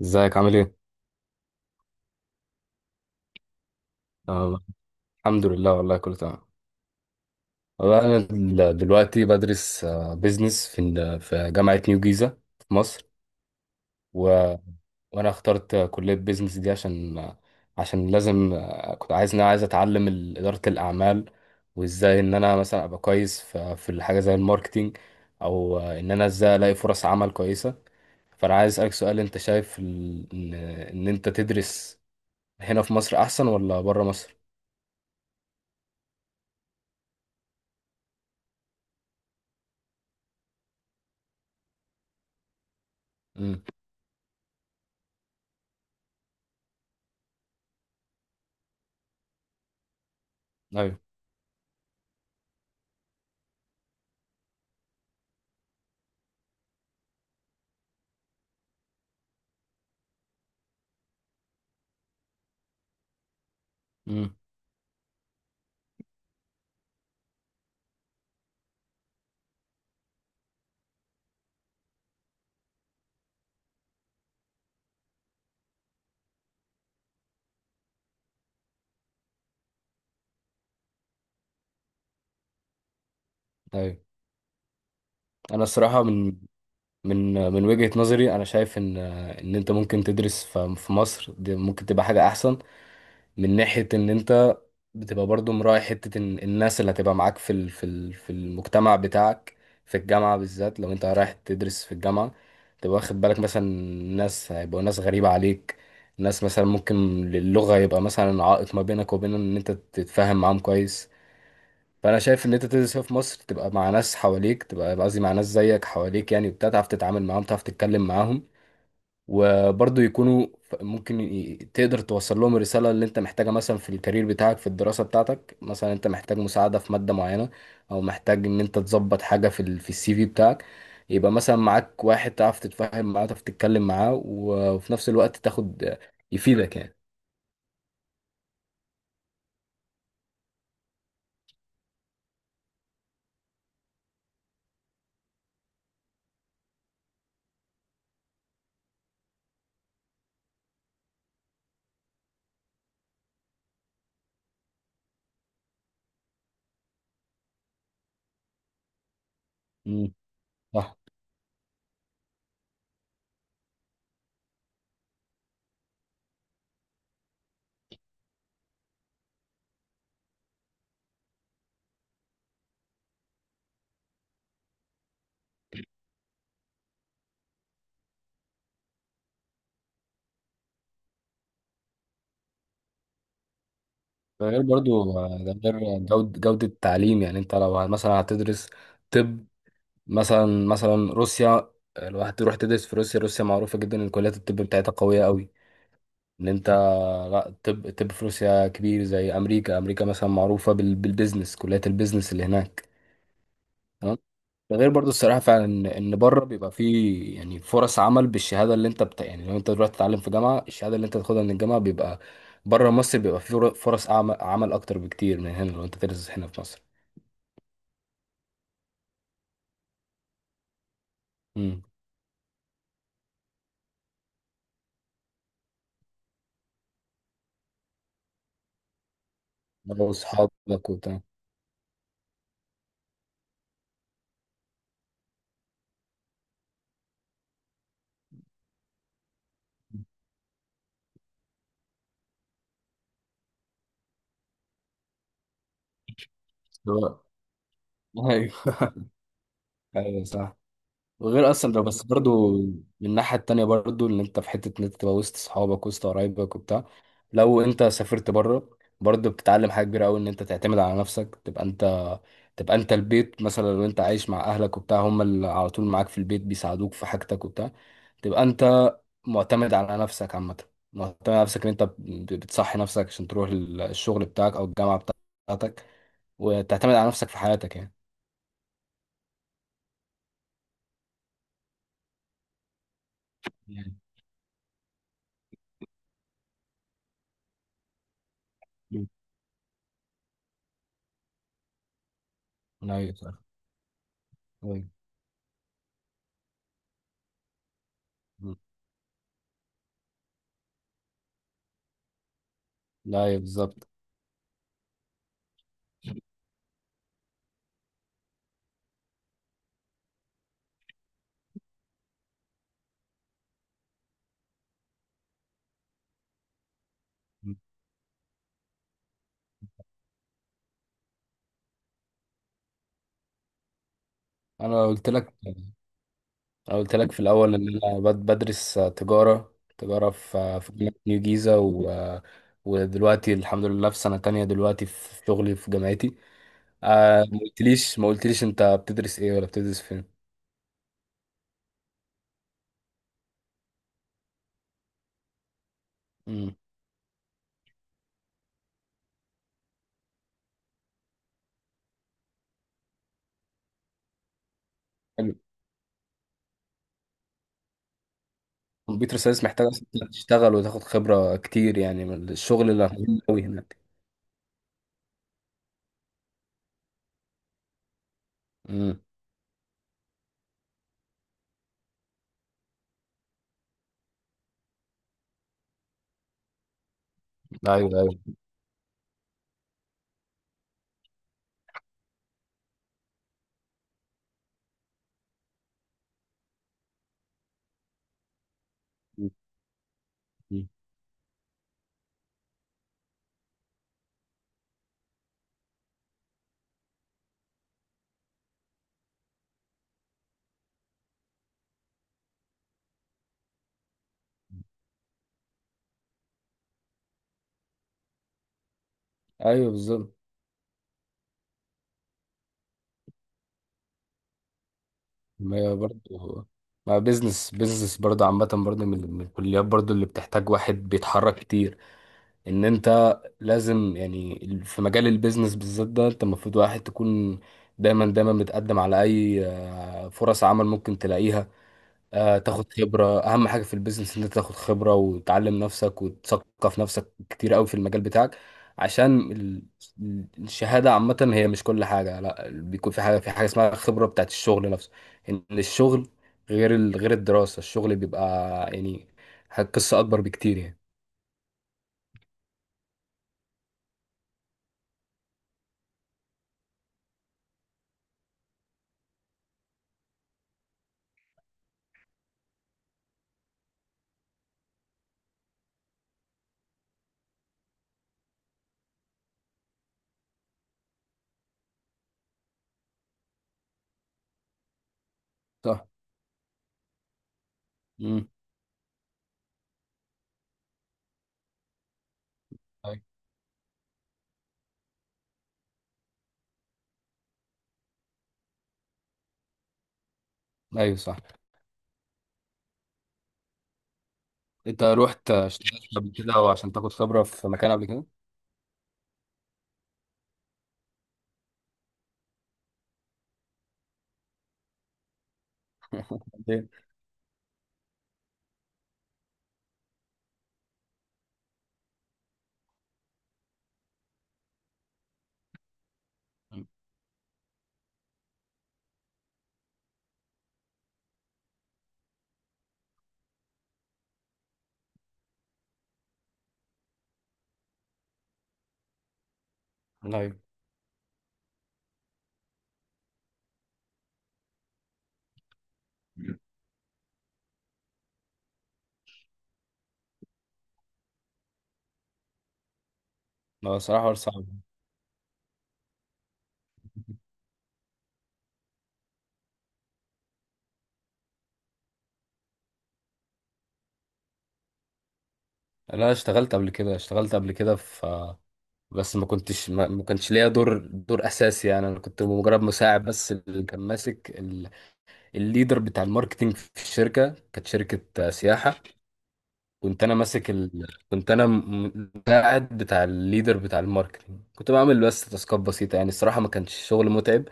ازيك عامل ايه؟ آه، الحمد لله والله كله تمام. والله انا دلوقتي بدرس بيزنس في في جامعة نيو جيزة في مصر. و... وانا اخترت كلية بيزنس دي عشان عشان لازم، كنت عايز ان انا عايز اتعلم إدارة الاعمال، وازاي ان انا مثلا ابقى كويس في الحاجة زي الماركتينج، او ان انا ازاي الاقي فرص عمل كويسة. فانا عايز اسالك سؤال، انت شايف ال... ان إن انت تدرس هنا في مصر احسن ولا بره مصر؟ امم. ايوه. طيب انا الصراحه من وجهه نظري انا شايف ان انت ممكن تدرس في مصر، دي ممكن تبقى حاجه احسن من ناحيه ان انت بتبقى برضو مراعي حته إن الناس اللي هتبقى معاك في في المجتمع بتاعك، في الجامعه بالذات لو انت رايح تدرس في الجامعه، تبقى واخد بالك مثلا ناس هيبقوا ناس غريبه عليك، ناس مثلا ممكن اللغه يبقى مثلا عائق ما بينك وبين ان انت تتفاهم معاهم كويس. فانا شايف ان انت تدرس هنا في مصر تبقى مع ناس حواليك، تبقى قصدي مع ناس زيك حواليك يعني وبتاع، تعرف تتعامل معاهم، تعرف تتكلم معاهم، وبرضه يكونوا تقدر توصل لهم الرساله اللي انت محتاجها مثلا في الكارير بتاعك في الدراسه بتاعتك، مثلا انت محتاج مساعده في ماده معينه او محتاج ان انت تظبط حاجه في في السي في بتاعك، يبقى مثلا معاك واحد تعرف تتفاهم معاه، تعرف تتكلم معاه، وفي نفس الوقت تاخد يفيدك يعني. مم. صح. ده غير برضو، ده غير جودة التعليم. يعني انت لو مثلا هتدرس طب، مثلا روسيا، لو هتروح تدرس في روسيا، روسيا معروفة جدا ان كليات الطب بتاعتها قوية قوي، ان انت، لا الطب في روسيا كبير زي امريكا. امريكا مثلا معروفة بالبيزنس، كليات البيزنس اللي هناك. ده غير برضو الصراحة فعلا ان إن بره بيبقى فيه يعني فرص عمل بالشهادة اللي انت يعني لو انت دلوقتي تتعلم في جامعة، الشهادة اللي انت تاخدها من الجامعة بيبقى بره مصر، بيبقى فيه فرص عمل اكتر بكتير من هنا لو انت تدرس هنا في مصر. امم. لو اصحابك وبتاع. لو- ايوه. ايوه صح. وغير اصلا ده، بس برضو من الناحية التانية برضو ان انت في حتة ان انت تبقى وسط اصحابك وسط قرايبك وبتاع، لو انت سافرت بره برضو بتتعلم حاجة كبيرة قوي ان انت تعتمد على نفسك. تبقى انت البيت مثلا، لو انت عايش مع اهلك وبتاع هم اللي على طول معاك في البيت بيساعدوك في حاجتك وبتاع، تبقى انت معتمد على نفسك عامة، معتمد على نفسك ان انت بتصحي نفسك عشان تروح الشغل بتاعك او الجامعة بتاعتك، وتعتمد على نفسك في حياتك يعني. يعني. لا يا صح. أيوة. مم. لا يا بالظبط. مم. انا لو قلت لك أنا قلت لك في الأول إن أنا بدرس تجارة في جامعة نيو جيزة، ودلوقتي الحمد لله في سنة تانية دلوقتي في شغلي في جامعتي. آه، ما قلتليش أنت بتدرس إيه ولا بتدرس فين؟ مم. حلو. الكمبيوتر ساينس محتاج أصلاً إنك تشتغل وتاخد خبرة كتير، يعني من الشغل اللي مهم أوي هناك. مم. أيوه، أيوه. مم. مم. أيوه بالظبط. ما هي برضه، ما بيزنس بيزنس برضه عامة برضه من الكليات برضه اللي بتحتاج واحد بيتحرك كتير. ان انت لازم يعني في مجال البيزنس بالذات ده انت المفروض واحد تكون دايما دايما بتقدم على اي فرص عمل ممكن تلاقيها. تاخد خبرة، اهم حاجة في البيزنس ان انت تاخد خبرة وتعلم نفسك وتثقف نفسك كتير قوي في المجال بتاعك، عشان الشهادة عامة هي مش كل حاجة، لا بيكون في حاجة اسمها خبرة بتاعت الشغل نفسه، ان الشغل غير غير الدراسة، الشغل بيبقى يعني قصة اكبر بكتير يعني. صح. مم. ايوه صح. انت رحت اشتغلت قبل كده وعشان تاخد خبره في مكان قبل كده؟ إيه؟ ايوه. لا الصراحه حوار صعب. لا اشتغلت قبل كده، اشتغلت قبل كده في، بس ما كنتش، ما كانش ليا دور اساسي يعني، انا كنت مجرد مساعد بس، اللي كان ماسك الليدر بتاع الماركتينج في الشركه، كانت شركه سياحه. كنت انا ماسك كنت انا مساعد بتاع الليدر بتاع الماركتينج، كنت بعمل بس تاسكات بسيطه يعني الصراحه ما كانش شغل متعب،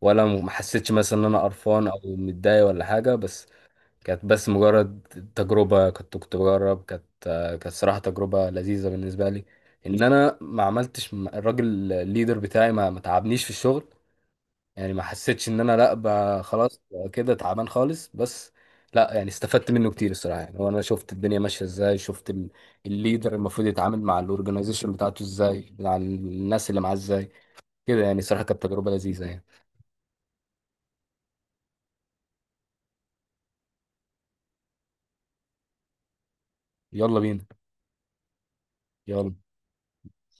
ولا ما حسيتش مثلا ان انا قرفان او متضايق ولا حاجه، بس كانت بس مجرد تجربه، كنت بجرب، كانت صراحه تجربه لذيذه بالنسبه لي، ان انا ما عملتش الراجل الليدر بتاعي ما تعبنيش في الشغل يعني، ما حسيتش ان انا لا خلاص كده تعبان خالص، بس لا يعني استفدت منه كتير الصراحه يعني، وانا شفت الدنيا ماشيه ازاي، شفت الليدر المفروض يتعامل مع الاورجنايزيشن بتاعته ازاي، مع الناس اللي معاه ازاي، كده يعني صراحه كانت تجربه لذيذه يعني. يلا بينا. يلا.